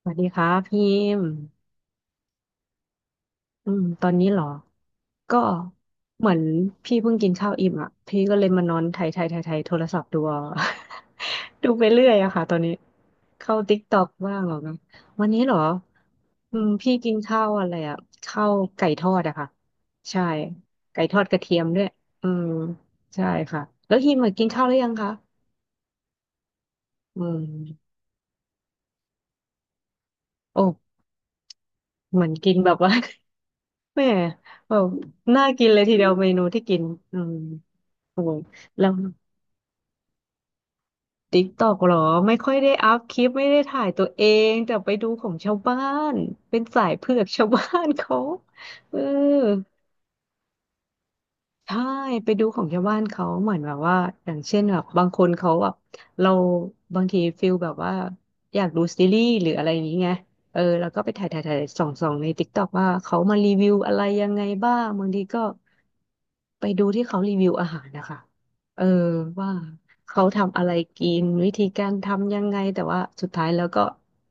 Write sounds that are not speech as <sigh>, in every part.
สวัสดีครับพิมพ์ตอนนี้เหรอก็เหมือนพี่เพิ่งกินข้าวอิ่มอ่ะพี่ก็เลยมานอนไถไถไถไถโทรศัพท์ดูเอา <laughs> ดูไปเรื่อยอะค่ะตอนนี้เข้าติ๊กต็อกบ้างเหรอนะวันนี้เหรอพี่กินข้าวอะไรอ่ะข้าวไก่ทอดอะค่ะใช่ไก่ทอดกระเทียมด้วยอืมใช่ค่ะแล้วฮิมอะกินข้าวหรือยังคะอืมโอ้เหมือนกินแบบว่า <laughs> แม่แบบน่ากินเลยทีเดียวเมนูที่กินอืม โอ้ยแล้วติ๊กตอกหรอไม่ค่อยได้อัพคลิปไม่ได้ถ่ายตัวเองแต่ไปดูของชาวบ้านเป็นสายเผือก <laughs> ชาวบ้านเขาเออ ใช่ไปดูของชาวบ้านเขาเหมือนแบบว่าอย่างเช่นแบบบางคนเขาแบบเราบางทีฟิลแบบว่าอยากดูซีรีส์หรืออะไรอย่างนี้ไงเออแล้วก็ไปถ่ายส่องในติ๊กต็อกว่าเขามารีวิวอะไรยังไงบ้างบางทีก็ไปดูที่เขารีวิวอาหารนะคะเออว่าเขาทำอะไรกินวิธีการทำยังไงแต่ว่าสุดท้ายแล้วก็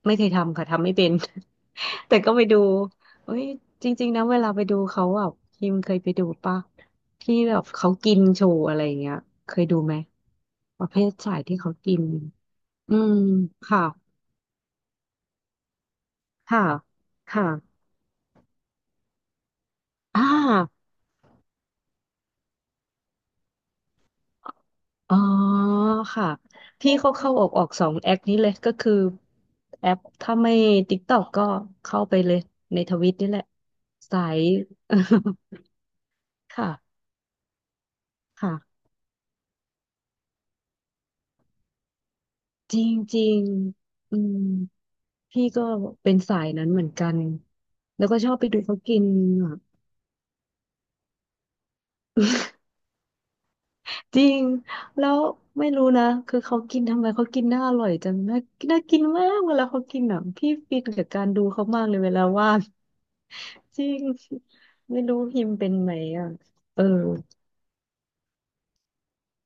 ไม่เคยทำค่ะทำไม่เป็น <laughs> แต่ก็ไปดูเอ้ยจริงๆนะเวลาไปดูเขาแบบพิมเคยไปดูปะ ที่แบบเขากินโชว์อะไรอย่างเงี้ยเคยดูไหมประเภทสายที่เขากินอืมค่ะค่ะค่ะอ่าอ๋อค่ะพี่เขาเข้าออกสองแอคนี้เลยก็คือแอปถ้าไม่ติกตอกก็เข้าไปเลยในทวิตนี่แหละสาย <laughs> ค่ะค่ะจริงจริงอืมพี่ก็เป็นสายนั้นเหมือนกันแล้วก็ชอบไปดูเขากินอ่ะ จริง แล้วไม่รู้นะคือเขากินทำไมเขากินน่าอร่อยจังน่าน่ากินมากเวลาเขากินอ่ะพี่ฟินกับการดูเขามากเลยเวลาว่างจริงไม่รู้พิมเป็นไหมอ่ะเออ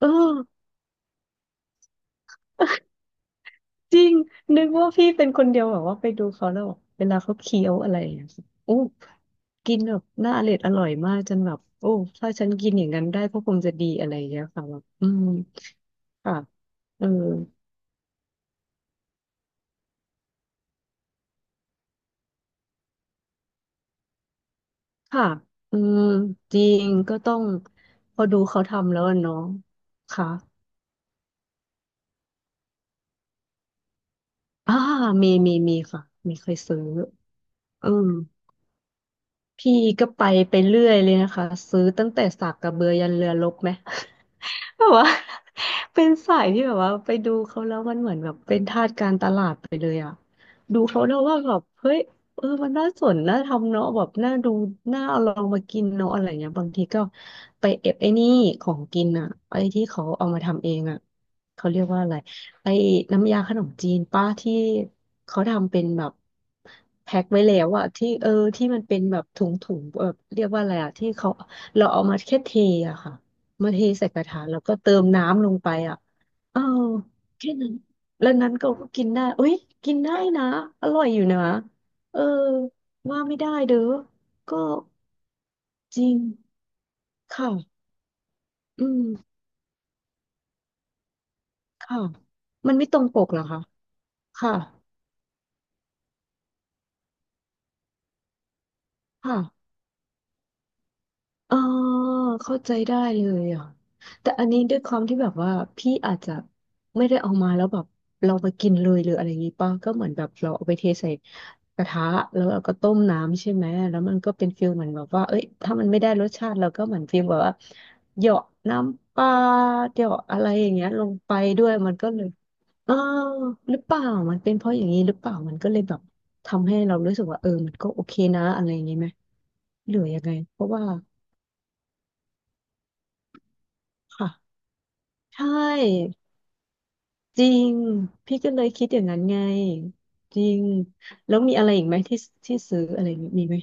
เออ <laughs> จริงนึกว่าพี่เป็นคนเดียวแบบว่าไปดูเขาแล้วแบบเวลาเขาเคี้ยวอะไรอะอู้กินแบบน่าอร่อยอร่อยมากจนแบบโอ้ถ้าฉันกินอย่างนั้นได้ก็คงจะดีอะไรอย่างเงี้ยค่ะแบบอืมค่ะเออ ค่ะอืมจริงก็ต้องพอดูเขาทำแล้วอะเนาะค่ะอ่ามีค่ะมีเคยซื้อ อืมพี่ก็ไปเรื่อยเลยนะคะ ซื้อตั้งแต่สากกระเบือยันเรือรบไหม แบบว่า <laughs> เป็นสายที่แบบว่าไปดูเขาแล้วมันเหมือนแบบเป็นทาสการตลาดไปเลยอ่ะดูเขาแล้วว่าแบบเฮ้ยเออมันน่าสนน่าทำเนาะแบบน่าดูน่าเอาลองมากินเนาะอะไรเงี้ยบางทีก็ไปเอฟไอ้นี่ของกินอ่ะไอ้ที่เขาเอามาทำเองอ่ะเขาเรียกว่าอะไรไอ้น้ำยาขนมจีนป้าที่เขาทำเป็นแบบแพ็คไว้แล้วอะที่เออที่มันเป็นแบบถุงแบบเรียกว่าอะไรอะที่เขาเราเอามาแค่เทอะค่ะ มาเทใส่กระถางแล้วก็เติมน้ำลงไปอ่ะเออแค่นั้น แล้วนั้นก็กินได้เอ้ยกินได้นะอร่อยอยู่นะ เออว่าไม่ได้เด้อก็จริงค่ะอืมค่ะมันไม่ตรงปกเหรอคะค่ะค่ะ เออเข้าใจได้เลยอ่ะแต่อันนี้ด้วยความที่แบบว่าพี่อาจจะไม่ได้เอามาแล้วแบบเราไปกินเลยหรืออะไรอย่างงี้ป่ะก็เหมือนแบบเราเอาไปเทใส่กระทะแล้วเราก็ต้มน้ำใช่ไหมแล้วมันก็เป็นฟิลเหมือนแบบว่าเอ้ยถ้ามันไม่ได้รสชาติเราก็เหมือนฟิลแบบว่าเหยาะน้ำปลาเหยาะอะไรอย่างเงี้ยลงไปด้วยมันก็เลยเออหรือเปล่ามันเป็นเพราะอย่างนี้หรือเปล่ามันก็เลยแบบทำให้เรารู้สึกว่าเออมันก็โอเคนะอะไรอย่างงี้ไหมหรือยังไงเพราะว่าค่ะ ใช่จริงพี่ก็เลยคิดอย่างนั้นไงจริงแล้วมีอะไรอีกไหมที่ที่ซื้ออะไรอย่างงี้มีไหม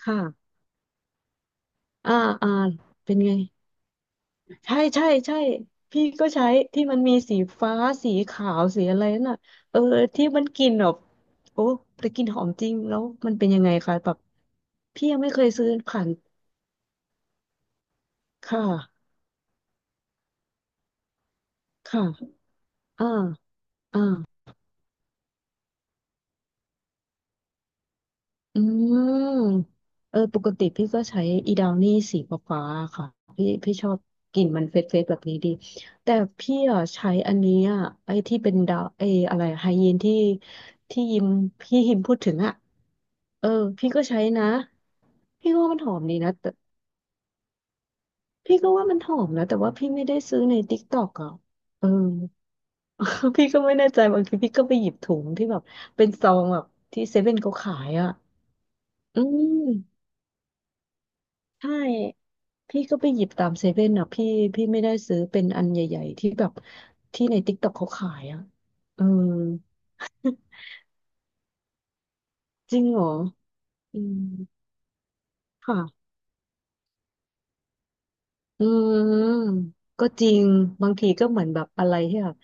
ค่ะอ่าอ่าเป็นไงใช่ใช่พี่ก็ใช้ที่มันมีสีฟ้าสีขาวสีอะไรนั่นน่ะเออที่มันกลินแบบโอ้แต่กลินหอมจริงแล้วมันเป็นยังไงคะแบบพี่ยังไม่เคยซื้อผ่านค่ะค่ะอ่าอ่า อืมเออปกติพี่ก็ใช้อีดาวนี่สีฟ้าๆค่ะพี่ชอบกลิ่นมันเฟรชๆแบบนี้ดีแต่พี่อ่ะใช้อันนี้อ่ะไอ้ที่เป็นดาวไอ้อะไรไฮยีนที่ที่ยิมพูดถึงอ่ะเออพี่ก็ใช้นะพี่ก็ว่ามันหอมดีนะแต่พี่ก็ว่ามันหอมนะแต่ว่าพี่ไม่ได้ซื้อในติ๊กต็อกอ่ะเออ <laughs> พี่ก็ไม่แน่ใจบางทีพี่ก็ไปหยิบถุงที่แบบเป็นซองแบบที่เซเว่นเขาขายอ่ะอืมใช่ พี่ก็ไปหยิบตามเซเว่นอ่ะพี่พี่ไม่ได้ซื้อเป็นอันใหญ่ๆที่แบบที่ในติ๊กต็อกเขาขายอ่ะเออจริงเหรออืมค่ะ อืมก็จริงบางทีก็เหมือนแบบอะไรที่แบบ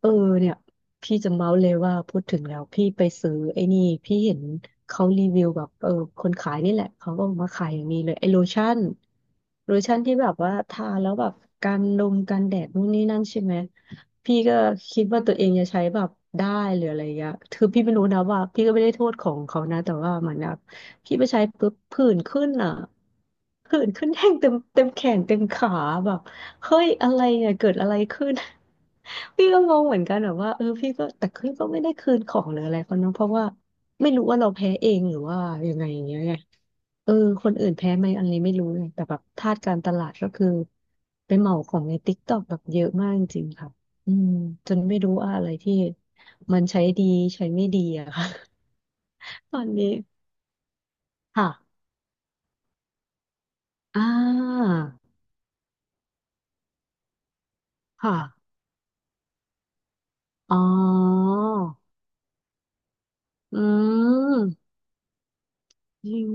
เออเนี่ยพี่จะเมาส์เลยว่าพูดถึงแล้วพี่ไปซื้อไอ้นี่พี่เห็นเขารีวิวแบบคนขายนี่แหละเขาก็มาขายอย่างนี้เลยไอ้โลชั่นโลชั่นที่แบบว่าทาแล้วแบบกันลมกันแดดนู่นนี่นั่นใช่ไหมพี่ก็คิดว่าตัวเองจะใช้แบบได้หรืออะไรอย่างเงี้ยคือพี่ไม่รู้นะว่าพี่ก็ไม่ได้โทษของเขานะแต่ว่ามันแบบ พี่ไปใช้ปุ๊บผื่นขึ้นอ่ะผื่นขึ้นแห้งเต็มแขนเต็มขาแบบเฮ้ยอะไรเนี่ยเกิดอะไรขึ้น <laughs> พี่ก็งงเหมือนกันแบบว่าพี่ก็แต่พี่ก็ไม่ได้คืนของหรืออะไรเขาเนอะเพราะว่าไม่รู้ว่าเราแพ้เองหรือว่ายังไงอย่างเงี้ยไงเออคนอื่นแพ้ไหมอันนี้ไม่รู้เลยแต่แบบทาสการตลาดก็คือไปเหมาของในติ๊กต็อกแบบเยอะมากจริงๆค่ะอืมจนไม่รู้ว่าอะไรที่มันใช้ดีใช้ไม่ดีอะค่ะ <laughs> ตอนนี้ค่ะอ่า ค่ะอ๋ออืมยิง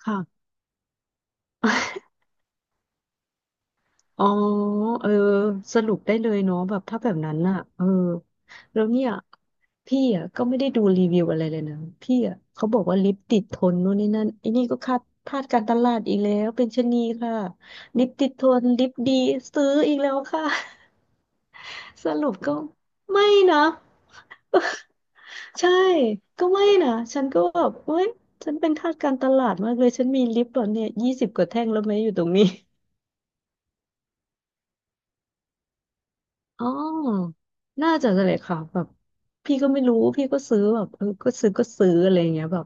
ค่ะ <laughs> อ๋อเออสรุปได้เลยเนาะแบบถ้าแบบนั้นน่ะเออแล้วเนี่ยพี่อ่ะก็ไม่ได้ดูรีวิวอะไรเลยนะพี่อ่ะเขาบอกว่าลิปติดทนนู่นนี่นั่นไอ้นี่ก็คาดพลาดการตลาดอีกแล้วเป็นชะนีค่ะลิปติดทนลิปดีซื้ออีกแล้วค่ะ <laughs> สรุปก็ไม่นะ ใช่ ก็ไม่นะ ฉันก็แบบเว้ยฉันเป็นทาสการตลาดมากเลย ฉันมีลิปตอนเนี่ยยี่สิบกว่าแท่งแล้วไหมอยู่ตรงนี้ อ๋อ น่าจะเลยค่ะแบบพี่ก็ไม่รู้ พี่ก็ซื้อแบบก็ซื้ออะไรอย่างเงี้ยแบบ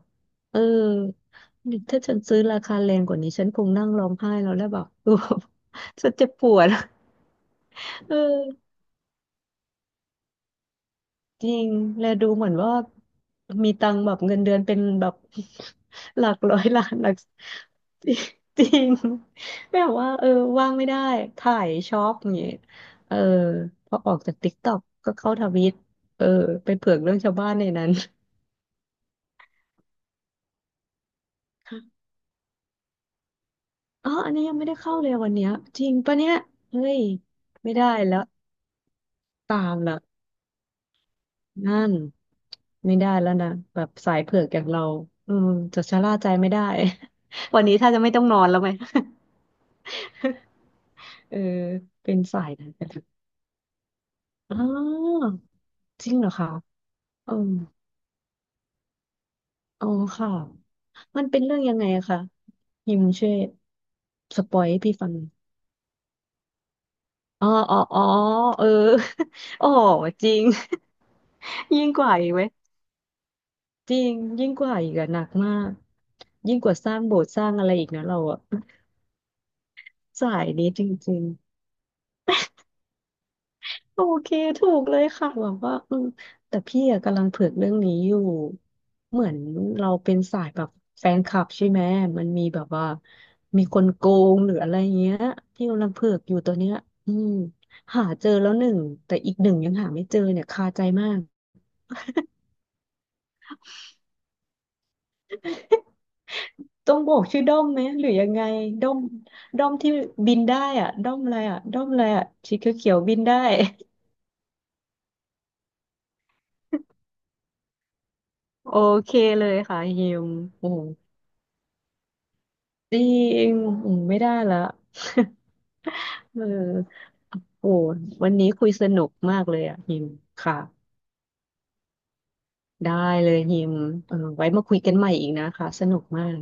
เออ ถ้าฉันซื้อราคาแรงกว่านี้ ฉันคงนั่งร้องไห้แล้วแล้วแบบ <laughs> เออฉันเจ็บปวดเออ จริง และดูเหมือนว่ามีตังค์แบบเงินเดือนเป็นแบบ <laughs> หลักร้อยล้านหลัก <laughs> จริงแบบว่าเออว่างไม่ได้ถ่ายช็อปอย่างเงี้ยเออพอออกจากติ๊กต็อกก็เข้าทวิตเออไปเผือกเรื่องชาวบ้านในนั้น <laughs> อ๋ออันนี้ยังไม่ได้เข้าเลยวันเนี้ยจริงปะเนี่ยเฮ้ยไม่ได้แล้วตามละ นั่นไม่ได้แล้วนะแบบสายเผือกอย่างเราอืมจะชะล่าใจไม่ได้ <laughs> วันนี้ถ้าจะไม่ต้องนอนแล้วไหม <laughs> เออเป็นสายนั้นอ๋อจริงเหรอคะอืมอ๋อค่ะมันเป็นเรื่องยังไงอะคะยิมช่วยสปอยให้พี่ฟังหน่อยอ๋ออ๋ออ๋อเออ <laughs> โอ้จริง <laughs> ยิ่งกว่าอีกไหมจริงยิ่งกว่าอีกอะหนักมากยิ่งกว่าสร้างโบสถ์สร้างอะไรอีกนะเราอะ <laughs> สายนี้จริง โอเคถูกเลยค่ะแบบว่าอืมแต่พี่อะกำลังเผือกเรื่องนี้อยู่เหมือนเราเป็นสายแบบแฟนคลับใช่ไหมมันมีแบบว่ามีคนโกงหรืออะไรเงี้ยที่กำลังเผือกอยู่ตัวเนี้ยอืมหาเจอแล้วหนึ่งแต่อีกหนึ่งยังหาไม่เจอเนี่ยคาใจมากต้องบอกชื่อด้อมไหมหรือยังไงด้อมด้อมที่บินได้อ่ะด้อมอะไรอ่ะด้อมอะไรอ่ะสีเขียวๆบินได้ <laughs> โอเคเลยค่ะฮิมโอ้ จริงอืมไม่ได้ละ <laughs> เออโอ้วันนี้คุยสนุกมากเลยอ่ะฮิมค่ะ ได้เลยฮิมเออไว้มาคุยกันใหม่อีกนะคะสนุกมาก